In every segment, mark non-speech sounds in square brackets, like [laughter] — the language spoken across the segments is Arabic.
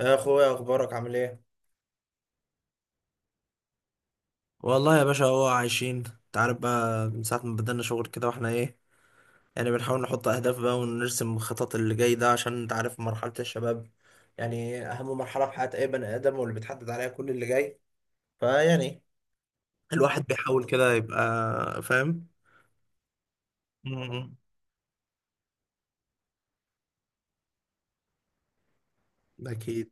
يا اخويا، اخبارك عامل ايه؟ والله يا باشا، هو عايشين. انت عارف بقى من ساعة ما بدأنا شغل كده، واحنا ايه، يعني بنحاول نحط أهداف بقى ونرسم خطط اللي جاي ده، عشان انت عارف مرحلة الشباب يعني أهم مرحلة في حياة أي بني آدم واللي بتحدد عليها كل اللي جاي. فيعني الواحد [laughs] بيحاول كده يبقى فاهم. مم. أكيد.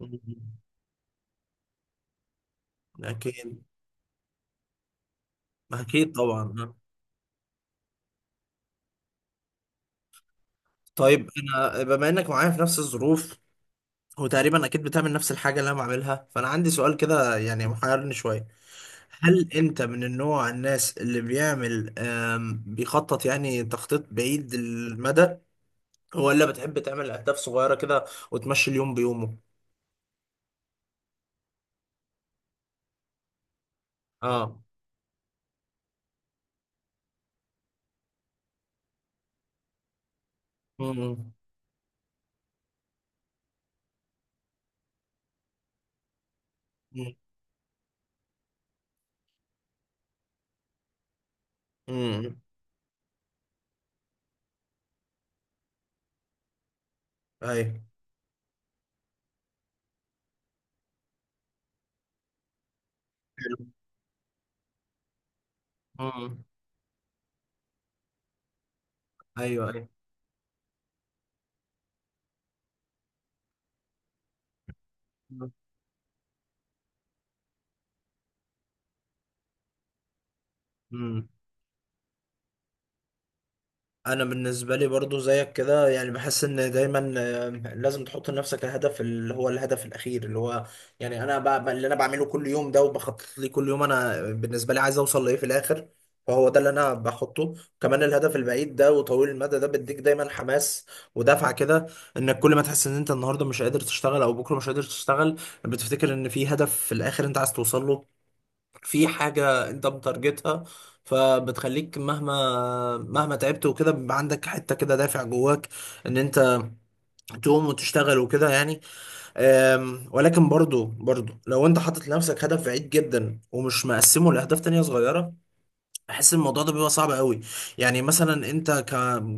مم. أكيد. أكيد طبعا، آه. طيب. أنا بما إنك معايا في نفس الظروف، وتقريبا أكيد بتعمل نفس الحاجة اللي أنا بعملها، فأنا عندي سؤال كده يعني محيرني شوية. هل انت من النوع الناس اللي بيعمل بيخطط، يعني تخطيط بعيد المدى، ولا بتحب تعمل اهداف صغيرة كده وتمشي اليوم بيومه؟ اه. امم. امم. امم. ايوه. حلو. امم. ايوه. ايوه. انا بالنسبه لي برضو زيك كده، يعني بحس ان دايما لازم تحط لنفسك الهدف اللي هو الهدف الاخير اللي هو، يعني انا اللي انا بعمله كل يوم ده وبخطط ليه كل يوم، انا بالنسبه لي عايز اوصل لايه في الاخر، فهو ده اللي انا بحطه. كمان الهدف البعيد ده وطويل المدى ده بيديك دايما حماس ودفعه كده، انك كل ما تحس ان انت النهارده مش قادر تشتغل او بكره مش قادر تشتغل، بتفتكر ان في هدف في الاخر انت عايز توصل له، في حاجة انت متارجتها، فبتخليك مهما مهما تعبت وكده بيبقى عندك حتة كده دافع جواك ان انت تقوم وتشتغل وكده يعني. ولكن برضو لو انت حاطط لنفسك هدف بعيد جدا ومش مقسمه لأهداف تانية صغيرة، احس الموضوع ده بيبقى صعب قوي. يعني مثلا انت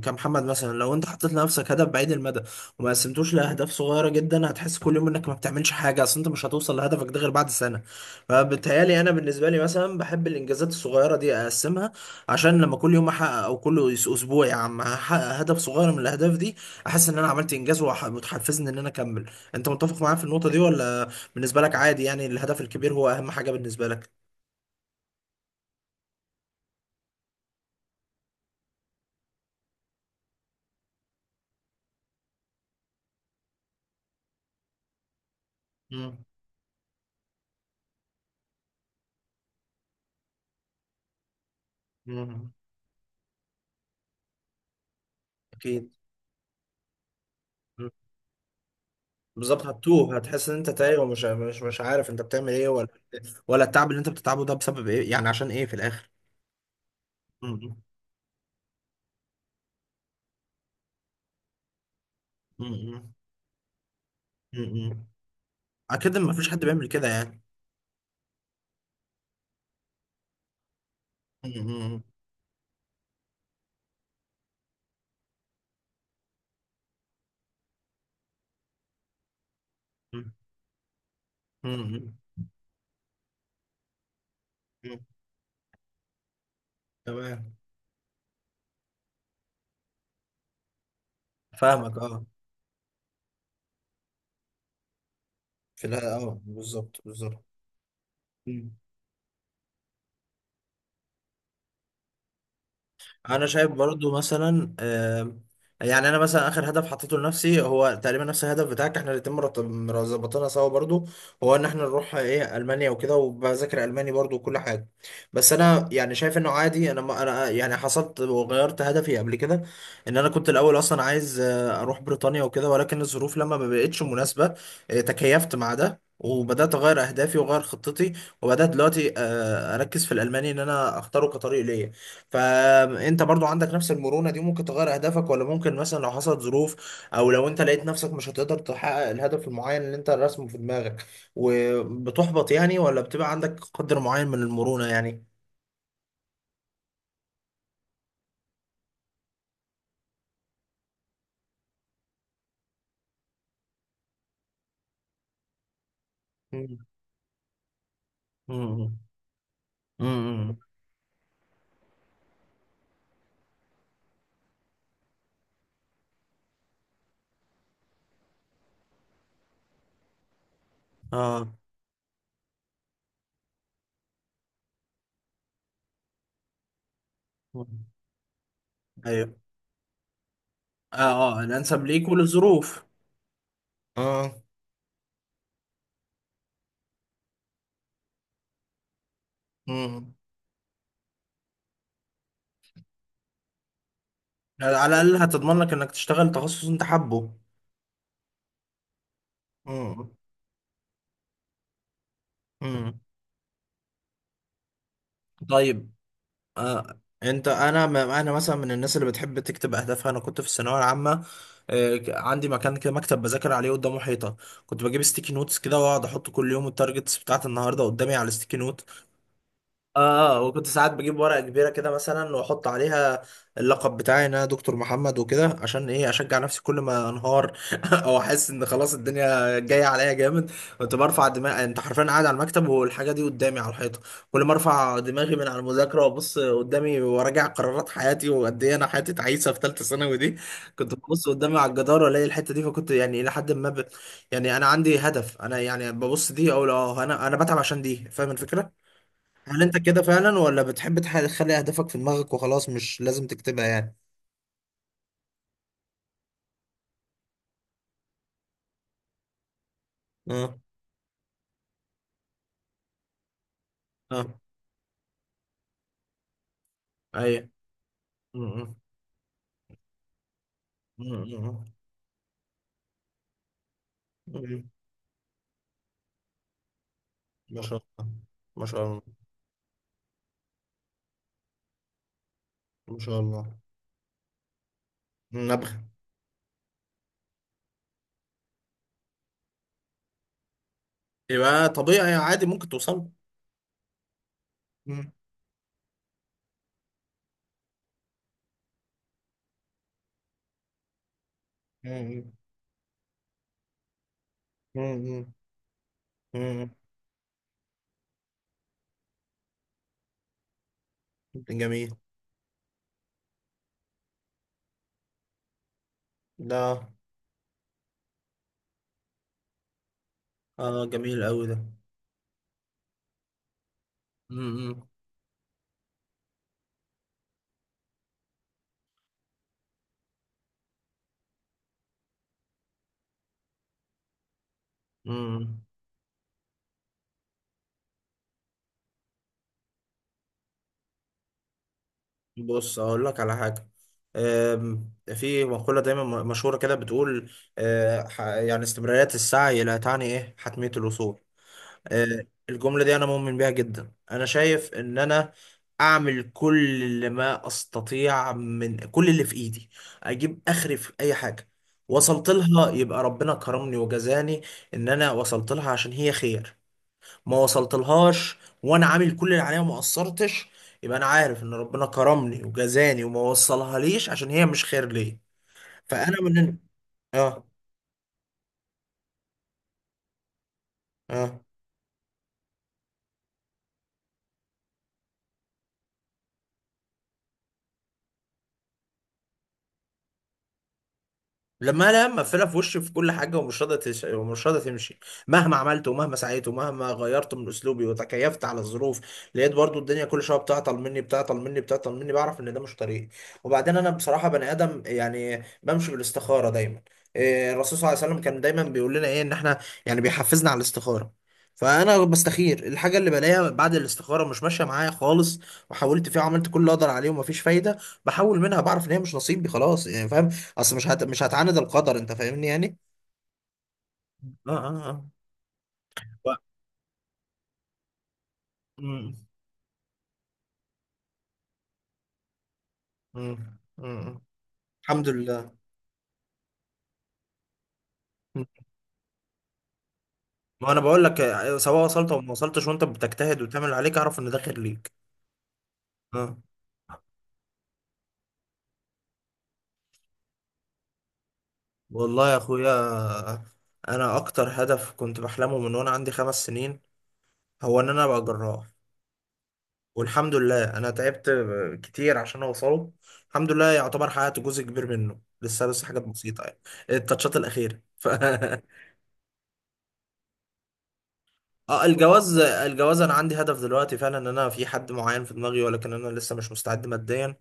كمحمد مثلا، لو انت حطيت لنفسك هدف بعيد المدى وما قسمتوش لاهداف صغيره جدا، هتحس كل يوم انك ما بتعملش حاجه، اصل انت مش هتوصل لهدفك ده غير بعد سنه. فبتهيالي انا بالنسبه لي مثلا بحب الانجازات الصغيره دي اقسمها، عشان لما كل يوم احقق او كل اسبوع يا عم احقق هدف صغير من الاهداف دي، احس ان انا عملت انجاز وتحفزني ان انا اكمل. انت متفق معايا في النقطه دي، ولا بالنسبه لك عادي، يعني الهدف الكبير هو اهم حاجه بالنسبه لك؟ مم. مم. اكيد. بالظبط، هتتوه، هتحس ان انت تايه ومش مش مش عارف انت بتعمل ايه، ولا التعب اللي انت بتتعبه ده بسبب ايه يعني، عشان ايه في الاخر؟ م- م- م- م. اكيد، ما فيش حد بيعمل كده يعني. م- م- م- م- م- م. تمام. فاهمك، اه. في اه، بالظبط بالظبط. م. انا شايف برضو مثلا يعني انا مثلا اخر هدف حطيته لنفسي هو تقريبا نفس الهدف بتاعك، احنا الاتنين ظبطنا سوا برضو. هو ان احنا نروح ايه المانيا وكده، وبذاكر الماني برضو وكل حاجه. بس انا يعني شايف انه عادي، انا ما انا يعني حصلت وغيرت هدفي قبل كده، ان انا كنت الاول اصلا عايز اروح بريطانيا وكده، ولكن الظروف لما ما بقتش مناسبه، تكيفت مع ده وبدأت أغير أهدافي وأغير خطتي، وبدأت دلوقتي أركز في الألماني إن أنا أختاره كطريق ليا. فانت برضو عندك نفس المرونة دي؟ ممكن تغير اهدافك، ولا ممكن مثلا لو حصلت ظروف او لو انت لقيت نفسك مش هتقدر تحقق الهدف المعين اللي انت راسمه في دماغك وبتحبط يعني، ولا بتبقى عندك قدر معين من المرونة يعني؟ مم. مم. مم. اه. مم. ايوه. اه. اه، الانسب ليك وللظروف. اه. مم. على الاقل هتضمن لك انك تشتغل تخصص انت حابه. مم. مم. طيب، آه. انت، انا انا مثلا من الناس اللي بتحب تكتب اهدافها. انا كنت في الثانويه العامه عندي مكان كده، مكتب بذاكر عليه قدامه حيطه، كنت بجيب ستيكي نوتس كده واقعد احط كل يوم التارجتس بتاعت النهارده قدامي على الستيكي نوت. اه. وكنت ساعات بجيب ورقة كبيرة كده مثلا واحط عليها اللقب بتاعي ان انا دكتور محمد وكده، عشان ايه، اشجع نفسي كل ما انهار [laughs] او احس ان خلاص الدنيا جاية عليا جامد. كنت برفع دماغي، انت حرفيا قاعد على المكتب والحاجة دي قدامي على الحيطة، كل ما ارفع دماغي من على المذاكرة وابص قدامي وراجع قرارات حياتي وقد ايه انا حياتي تعيسة في ثالثة ثانوي دي، كنت ببص قدامي على الجدار والاقي الحتة دي، فكنت يعني الى حد ما يعني انا عندي هدف، انا يعني ببص دي اقول اه انا انا بتعب عشان دي، فاهم الفكرة؟ هل انت كده فعلا، ولا بتحب تخلي اهدافك في دماغك وخلاص مش لازم تكتبها يعني؟ اه. اه. ايوه. م- م- م- م- م- ما شاء الله. ما شاء الله. ما شاء الله. نبغى. يبقى طبيعي عادي، ممكن توصل. م- م- م- م- م- م. جميل ده. اه، جميل قوي ده. م- م- م- بص اقول لك على حاجه. في مقوله دايما مشهوره كده بتقول، يعني استمراريه السعي لا تعني ايه حتميه الوصول. الجمله دي انا مؤمن بيها جدا. انا شايف ان انا اعمل كل اللي ما استطيع من كل اللي في ايدي، اجيب اخري في اي حاجه. وصلت لها يبقى ربنا كرمني وجزاني، ان انا وصلت لها عشان هي خير. ما وصلتلهاش وانا عامل كل اللي عليا وما قصرتش، يبقى انا عارف ان ربنا كرمني وجزاني وما وصلها ليش عشان هي مش خير ليا. فانا من، اه اه. لما انا مقفله في وشي في كل حاجه ومش راضيه ومش راضيه تمشي، مهما عملت ومهما سعيت ومهما غيرت من اسلوبي وتكيفت على الظروف، لقيت برضو الدنيا كل شويه بتعطل مني بتعطل مني بتعطل مني، بعرف ان ده مش طريقي. وبعدين انا بصراحه بني ادم يعني بمشي بالاستخاره دايما. إيه، الرسول صلى الله عليه وسلم كان دايما بيقول لنا ايه، ان احنا يعني بيحفزنا على الاستخاره. فانا بستخير الحاجه، اللي بلاقيها بعد الاستخاره مش ماشيه معايا خالص، وحاولت فيها وعملت كل اللي اقدر عليه ومفيش فايده بحاول منها، بعرف ان هي مش نصيبي خلاص يعني، فاهم؟ اصل مش مش هتعاند القدر، انت فاهمني يعني. اه اه اه. و- مم. مم. مم. الحمد لله. م. ما انا بقول لك سواء وصلت او ما وصلتش وانت بتجتهد وتعمل اللي عليك، اعرف ان ده خير ليك. اه. والله يا اخويا، انا اكتر هدف كنت بحلمه من وانا عندي 5 سنين، هو ان انا ابقى جراح. والحمد لله انا تعبت كتير عشان اوصله. الحمد لله يعتبر حققت جزء كبير منه، لسه بس حاجات بسيطة يعني، التاتشات الأخيرة. [laughs] اه، الجواز، الجواز انا عندي هدف دلوقتي فعلا، ان انا في حد معين في دماغي، ولكن انا لسه مش مستعد ماديا.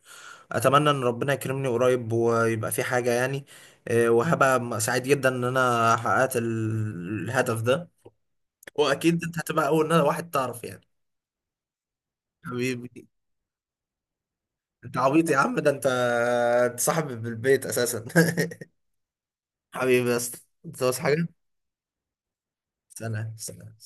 اتمنى ان ربنا يكرمني قريب ويبقى في حاجة يعني. وهبقى سعيد جدا ان انا حققت الهدف ده. واكيد انت هتبقى اول واحد تعرف يعني. حبيبي. انت عبيط يا عم، ده انت، انت صاحبي بالبيت اساسا [laughs] حبيبي يا اسطى. انت عاوز حاجة؟ سلام سلام.